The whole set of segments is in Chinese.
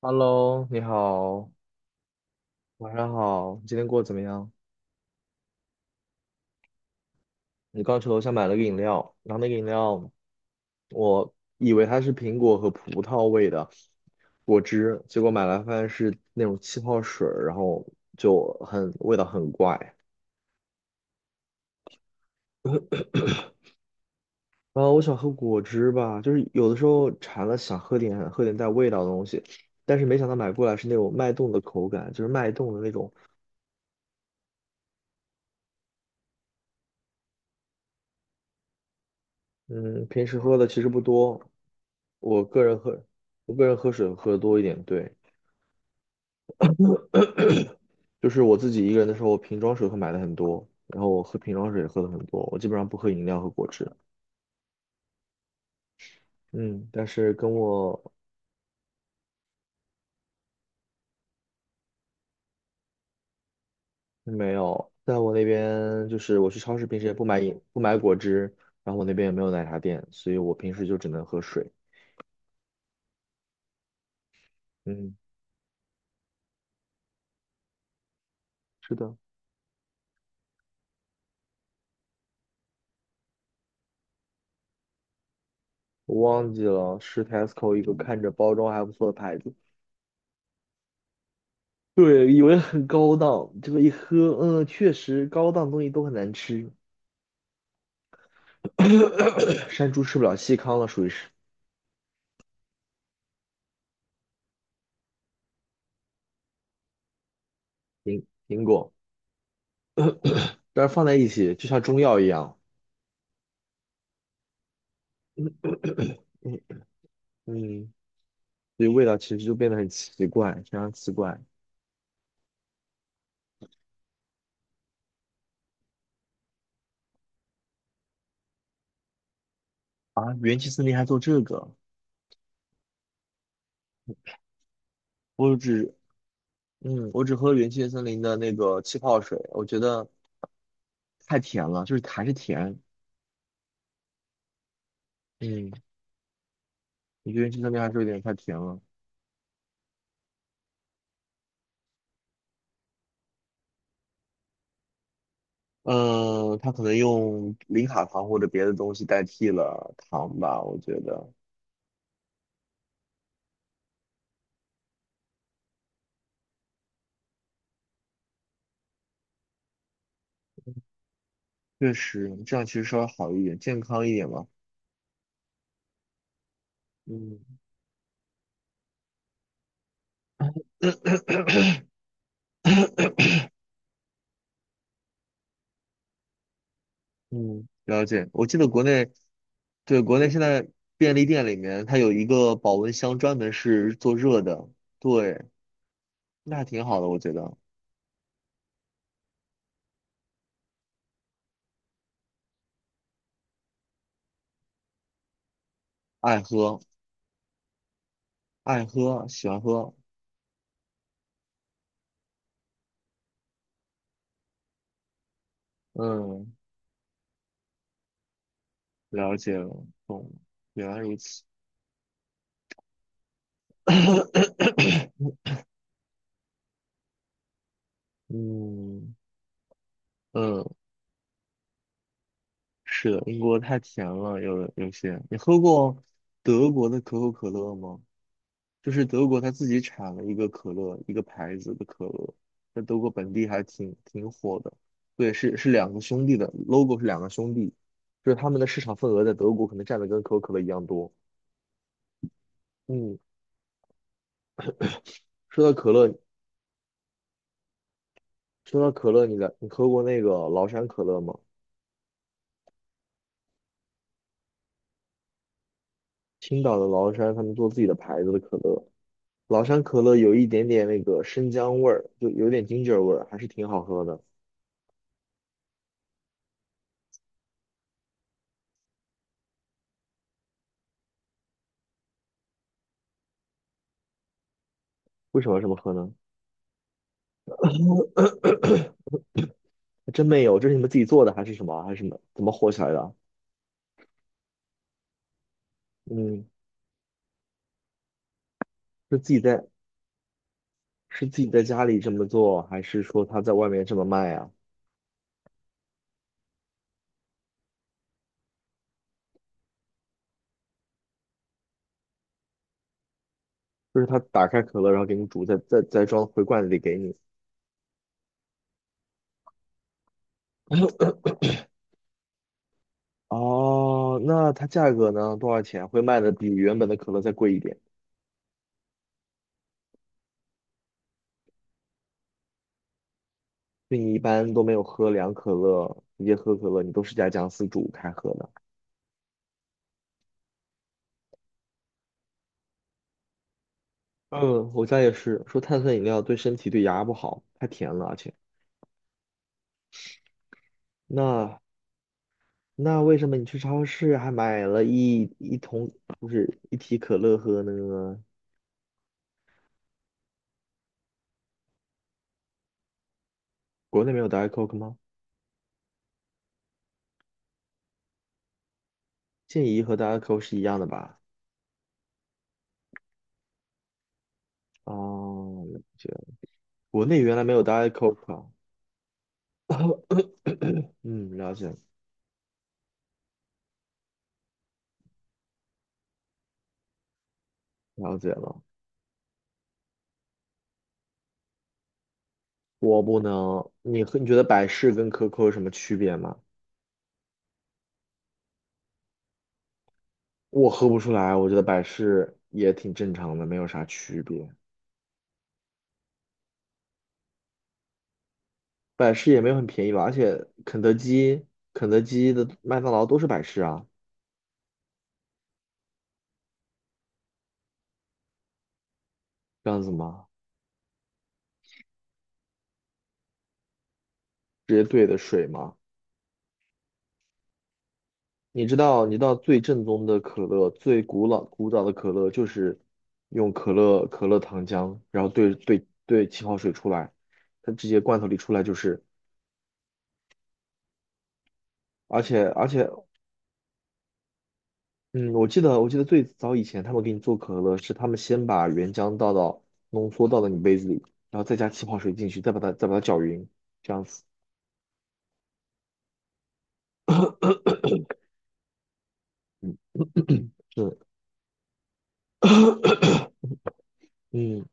Hello，你好，晚上好，你今天过得怎么样？你刚去楼下买了个饮料，然后那个饮料，我以为它是苹果和葡萄味的果汁，结果买来发现是那种气泡水儿然后就很味道很怪。啊，我想喝果汁吧，就是有的时候馋了想喝点带味道的东西，但是没想到买过来是那种脉动的口感，就是脉动的那种嗯，平时喝的其实不多，我个人喝，我个人喝水喝的多一点，对，就是我自己一个人的时候，瓶装水会买的很多，然后我喝瓶装水也喝的很多，我基本上不喝饮料和果汁，嗯，但是跟我没有，在我那边就是我去超市平时也不买果汁，然后我那边也没有奶茶店，所以我平时就只能喝水，嗯，是的，我忘记了是 Tesco 一个看着包装还不错的牌子。对，以为很高档，结果一喝，嗯，确实高档东西都很难吃，山猪吃不了细糠了，属于是苹果，但是放在一起就像中药一样，嗯嗯，所以味道其实就变得很奇怪，非常奇怪啊！元气森林还做这个，我只嗯，我只喝元气森林的那个气泡水，我觉得太甜了，就是还是甜，嗯，我觉得元气森林还是有点太甜了。嗯，他可能用零卡糖或者别的东西代替了糖吧，我觉得确实这样其实稍微好一点，健康一点嘛。嗯嗯，了解。我记得国内，对，国内现在便利店里面它有一个保温箱，专门是做热的，对，那还挺好的，我觉得。爱喝，爱喝，喜欢喝。嗯，了解了，懂了原来如此。嗯嗯。是的，英国太甜了，有些。你喝过德国的可口可乐吗？就是德国它自己产了一个可乐，一个牌子的可乐，在德国本地还挺火的。对，是两个兄弟的，logo 是两个兄弟，就是他们的市场份额在德国可能占的跟可口可乐一样多。嗯，说到可乐，你来，你喝过那个崂山可乐吗？青岛的崂山，他们做自己的牌子的可乐。老山可乐有一点点那个生姜味儿，就有点 ginger 味儿，还是挺好喝的。为什么要这么喝呢？还真没有，这是你们自己做的还是什么？还是什么？怎么火起来的啊？嗯，是自己在是自己在家里这么做，还是说他在外面这么卖啊？就是他打开可乐，然后给你煮，再装回罐子里给你。哦，那它价格呢？多少钱？会卖的比原本的可乐再贵一点。就你一般都没有喝凉可乐，直接喝可乐，你都是加姜丝煮开喝的。嗯，我家也是，说碳酸饮料对身体对牙不好，太甜了，而且那那为什么你去超市还买了一桶就是一提可乐喝呢？国内没有 Diet Coke 吗？健怡和 Diet Coke 是一样的吧？哦，了解，国内原来没有 Diet Coke 啊。嗯，了解了。我不能，你喝你觉得百事跟可口有什么区别吗？我喝不出来，我觉得百事也挺正常的，没有啥区别。百事也没有很便宜吧，而且肯德基的麦当劳都是百事啊，这样子吗？直接兑的水吗？你知道，你知道最正宗的可乐，最古老古早的可乐就是用可乐糖浆，然后兑气泡水出来，它直接罐头里出来就是，而且，嗯，我记得最早以前他们给你做可乐是他们先把原浆倒到浓缩倒到你杯子里，然后再加气泡水进去，再把它搅匀，这样子。嗯。是 嗯，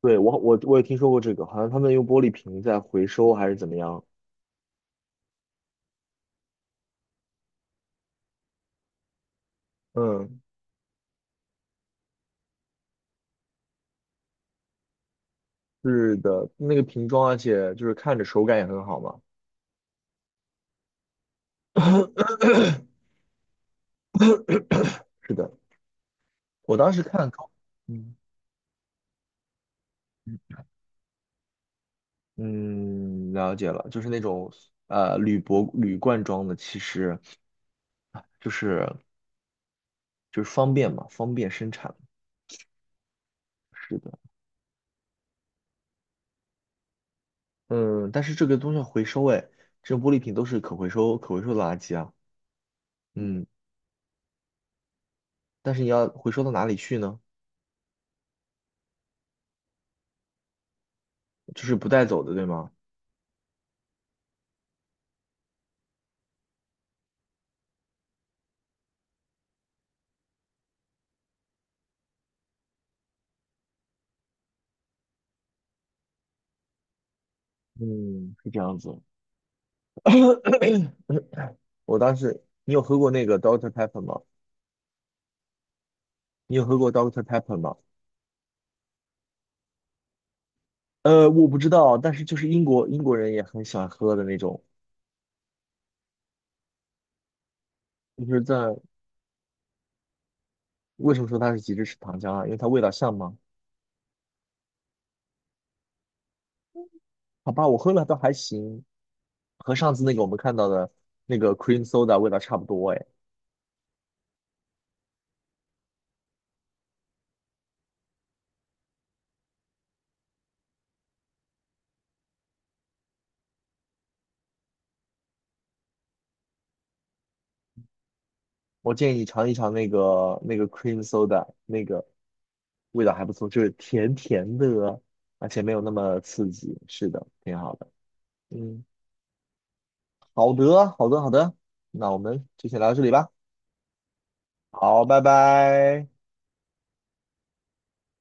对，我也听说过这个，好像他们用玻璃瓶在回收还是怎么样。嗯，是的，那个瓶装，而且就是看着手感也很好嘛。是的，我当时看高嗯，嗯，了解了，就是那种铝箔铝罐装的，其实就是就是方便嘛，方便生产。是的，嗯，但是这个东西要回收，哎，这种玻璃瓶都是可回收的垃圾啊。嗯，但是你要回收到哪里去呢？就是不带走的，对吗？嗯，是这样子。我当时，你有喝过那个 Doctor Pepper 吗？你有喝过 Doctor Pepper 吗？我不知道，但是就是英国人也很喜欢喝的那种，就是在为什么说它是极致是糖浆啊？因为它味道像吗？好吧，我喝了倒还行，和上次那个我们看到的那个 cream soda 味道差不多哎。我建议你尝一尝那个 cream soda，那个味道还不错，就是甜甜的，而且没有那么刺激。是的，挺好的。嗯，好的，好的，好的。那我们就先聊到这里吧。好，拜拜。